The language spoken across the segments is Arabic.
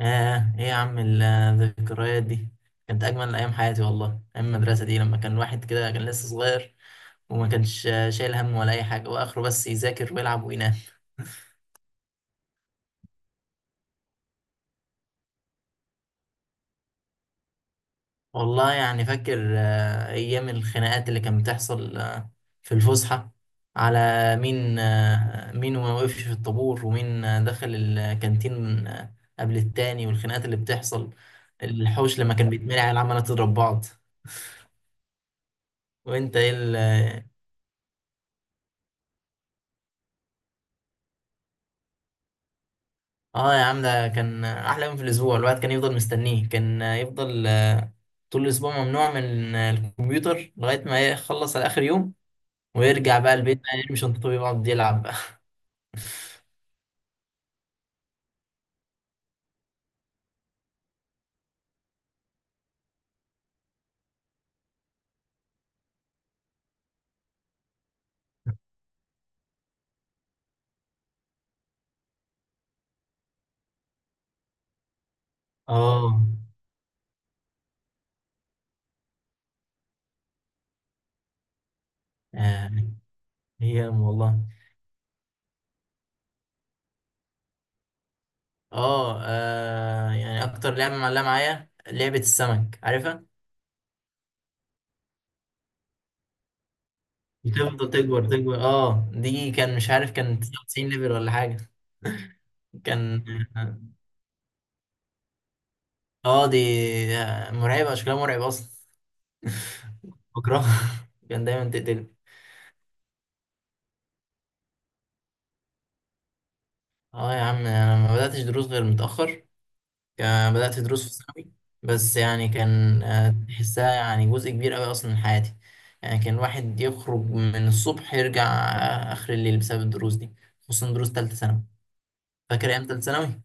آه إيه يا عم الذكريات دي كانت أجمل أيام حياتي والله. أيام المدرسة دي، لما كان واحد كده، كان لسه صغير وما كانش شايل هم ولا أي حاجة، وآخره بس يذاكر ويلعب وينام. والله يعني فاكر أيام الخناقات اللي كانت بتحصل في الفسحة، على مين ما وقفش في الطابور، ومين دخل الكانتين قبل التاني، والخناقات اللي بتحصل الحوش لما كان بيتمرع العمالة تضرب بعض. وانت ايه؟ اه يا عم، ده كان احلى يوم في الاسبوع. الواحد كان يفضل مستنيه، كان يفضل طول الاسبوع ممنوع من الكمبيوتر لغايه ما يخلص على اخر يوم، ويرجع بقى البيت بقى يرمي شنطته ويقعد يلعب بقى. اه يعني. هي والله اه يعني اكتر لعبه معلقه معايا لعبه السمك، عارفها؟ بتفضل تكبر تكبر، اه دي كان، مش عارف، كان 99 ليفل ولا حاجه. كان، اه دي مرعبه، شكلها مرعب اصلا. بكرهها. كان دايما تقتلني. اه يا عم، انا ما بداتش دروس غير متاخر، كان بدات دروس في ثانوي. بس يعني كان تحسها يعني جزء كبير قوي اصلا من حياتي. يعني كان الواحد يخرج من الصبح يرجع اخر الليل بسبب الدروس دي، خصوصا دروس ثالثه ثانوي. فاكر ايام ثالثه ثانوي؟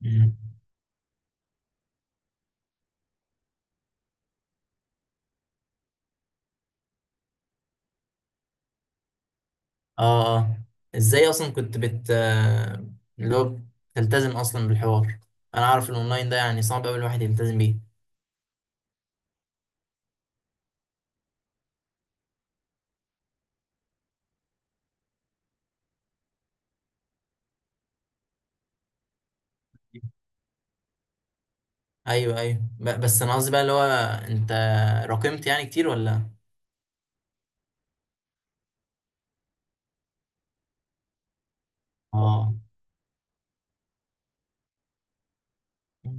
مم. اه اه. ازاي اصلا كنت بت آه، اللي هو بتلتزم اصلا بالحوار؟ انا عارف الاونلاين ده يعني صعب قوي الواحد يلتزم بيه. ايوه ايوه، بس انا قصدي بقى اللي هو، انت راكمت يعني كتير ولا؟ اه،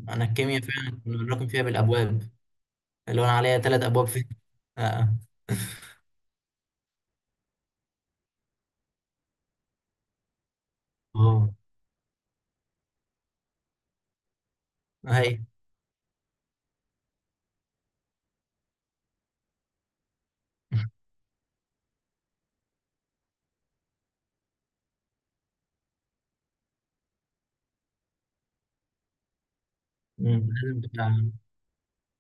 انا الكيمياء فعلا كنا بنراكم فيها بالابواب، اللي هو انا عليا ثلاث ابواب فيها. اه اه. هي. مم. لازم تبقى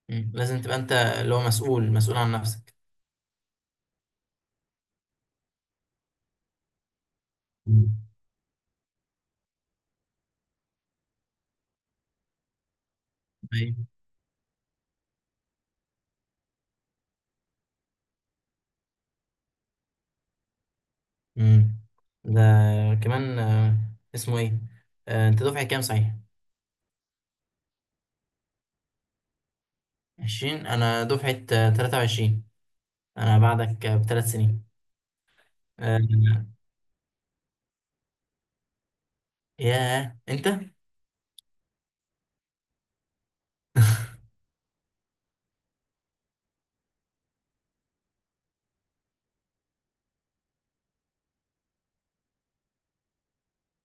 مم. لازم تبقى انت اللي هو مسؤول مسؤول عن نفسك. مم. ايوه. مم. ده كمان اسمه ايه، انت دفعة كام صحيح؟ 20. انا دفعة 23، انا بعدك ب3 سنين. آه، ياه انت.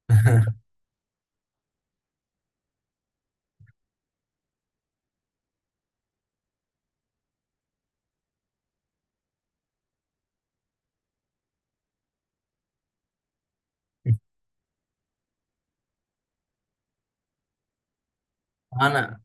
انا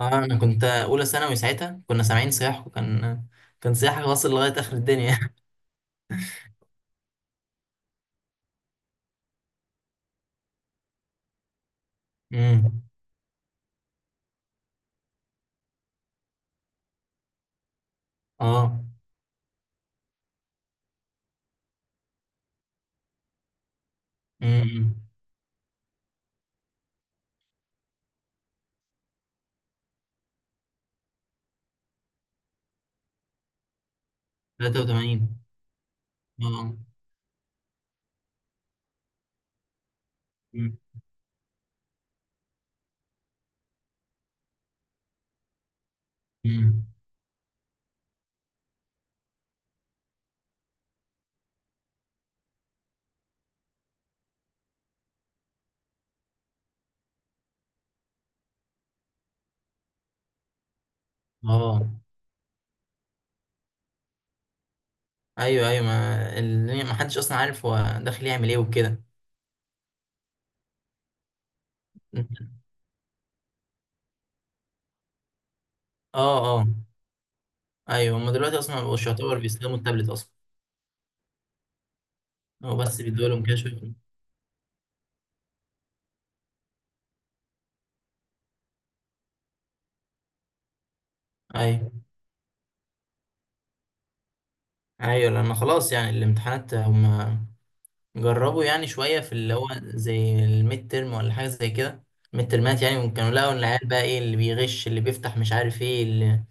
انا كنت اولى ثانوي ساعتها، كنا سامعين صياح، وكان صياحك واصل لغايه اخر الدنيا. امم. اه. امم. 83. اه. امم. أمم. اه ايوه ايوه، ما اللي ما حدش اصلا عارف هو داخل يعمل ايه وكده. اه اه. ايوه هم دلوقتي اصلا ما بقوش يعتبر بيستخدموا التابلت اصلا، هو بس بيدوا لهم كده شويه. ايوه ايوه، لان خلاص يعني الامتحانات هم جربوا يعني شوية في اللي هو زي الميد ترم ولا حاجة زي كده. ميد ترمات يعني، وكانوا لقوا العيال بقى ايه اللي بيغش اللي بيفتح مش عارف ايه اللي,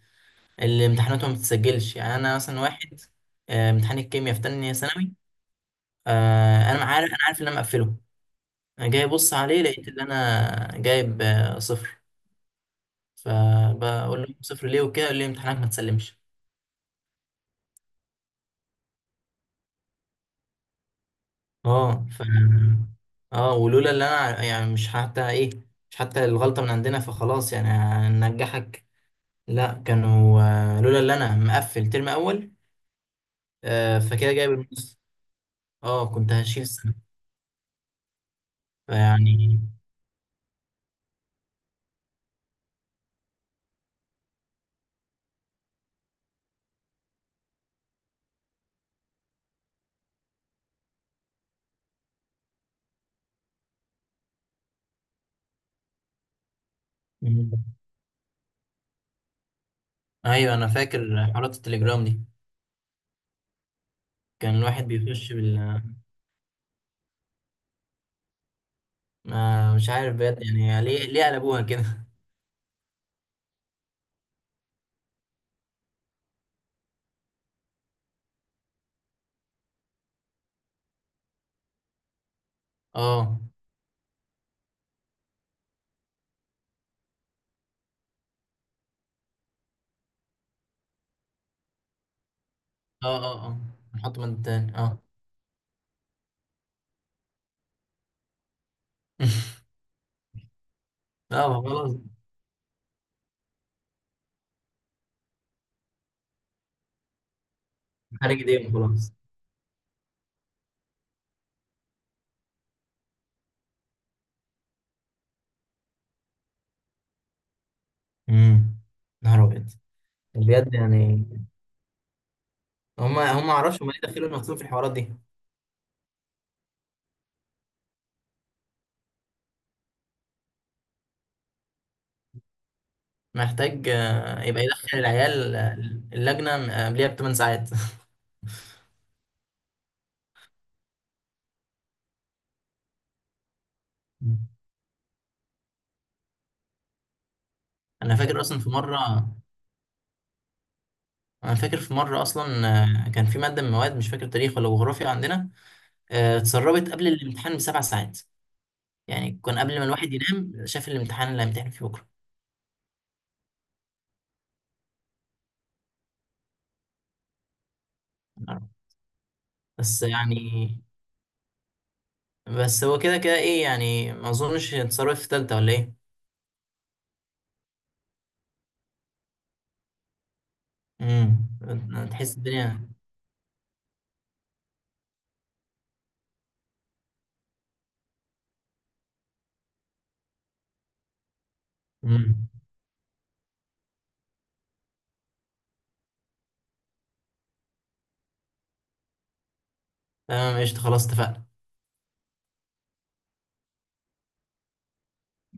اللي امتحاناته ما بتتسجلش. يعني انا مثلا واحد، امتحان الكيمياء في تانية ثانوي، انا عارف انا عارف ان انا مقفله. انا جاي ابص عليه لقيت ان انا جايب صفر. فبقول له صفر ليه وكده، قال لي امتحانك ما تسلمش. اه اه، ولولا اللي انا يعني مش حتى ايه، مش حتى الغلطة من عندنا، فخلاص يعني هننجحك؟ لا. كانوا لولا اللي انا مقفل ترم اول فكده جايب النص، اه كنت هشيل السنه. فيعني. مم. ايوه انا فاكر حوارات التليجرام دي، كان الواحد بيخش ما، مش عارف بجد يعني ليه قلبوها كده. اه اه اه اه. نحط مادة تاني اه. اه خلاص، خارج ايديهم خلاص. امم. نهار ابيض. بجد يعني هم ما اعرفش هم ليه دخلوا نفسهم في الحوارات دي. محتاج يبقى يدخل العيال اللجنة قبليها ب8 ساعات. أنا فاكر أصلا في مرة أنا فاكر في مرة أصلا، كان في مادة من المواد مش فاكر تاريخ ولا جغرافيا عندنا، اتسربت قبل الامتحان ب7 ساعات. يعني كان قبل ما الواحد ينام شاف الامتحان اللي هيمتحن فيه بكرة. بس يعني، بس هو كده كده إيه يعني، ما أظنش اتسربت في تالتة ولا إيه؟ امم. تحس الدنيا. امم. تمام قشطة خلاص اتفقنا.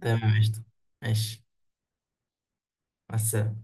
تمام قشطة. ماشي. بس.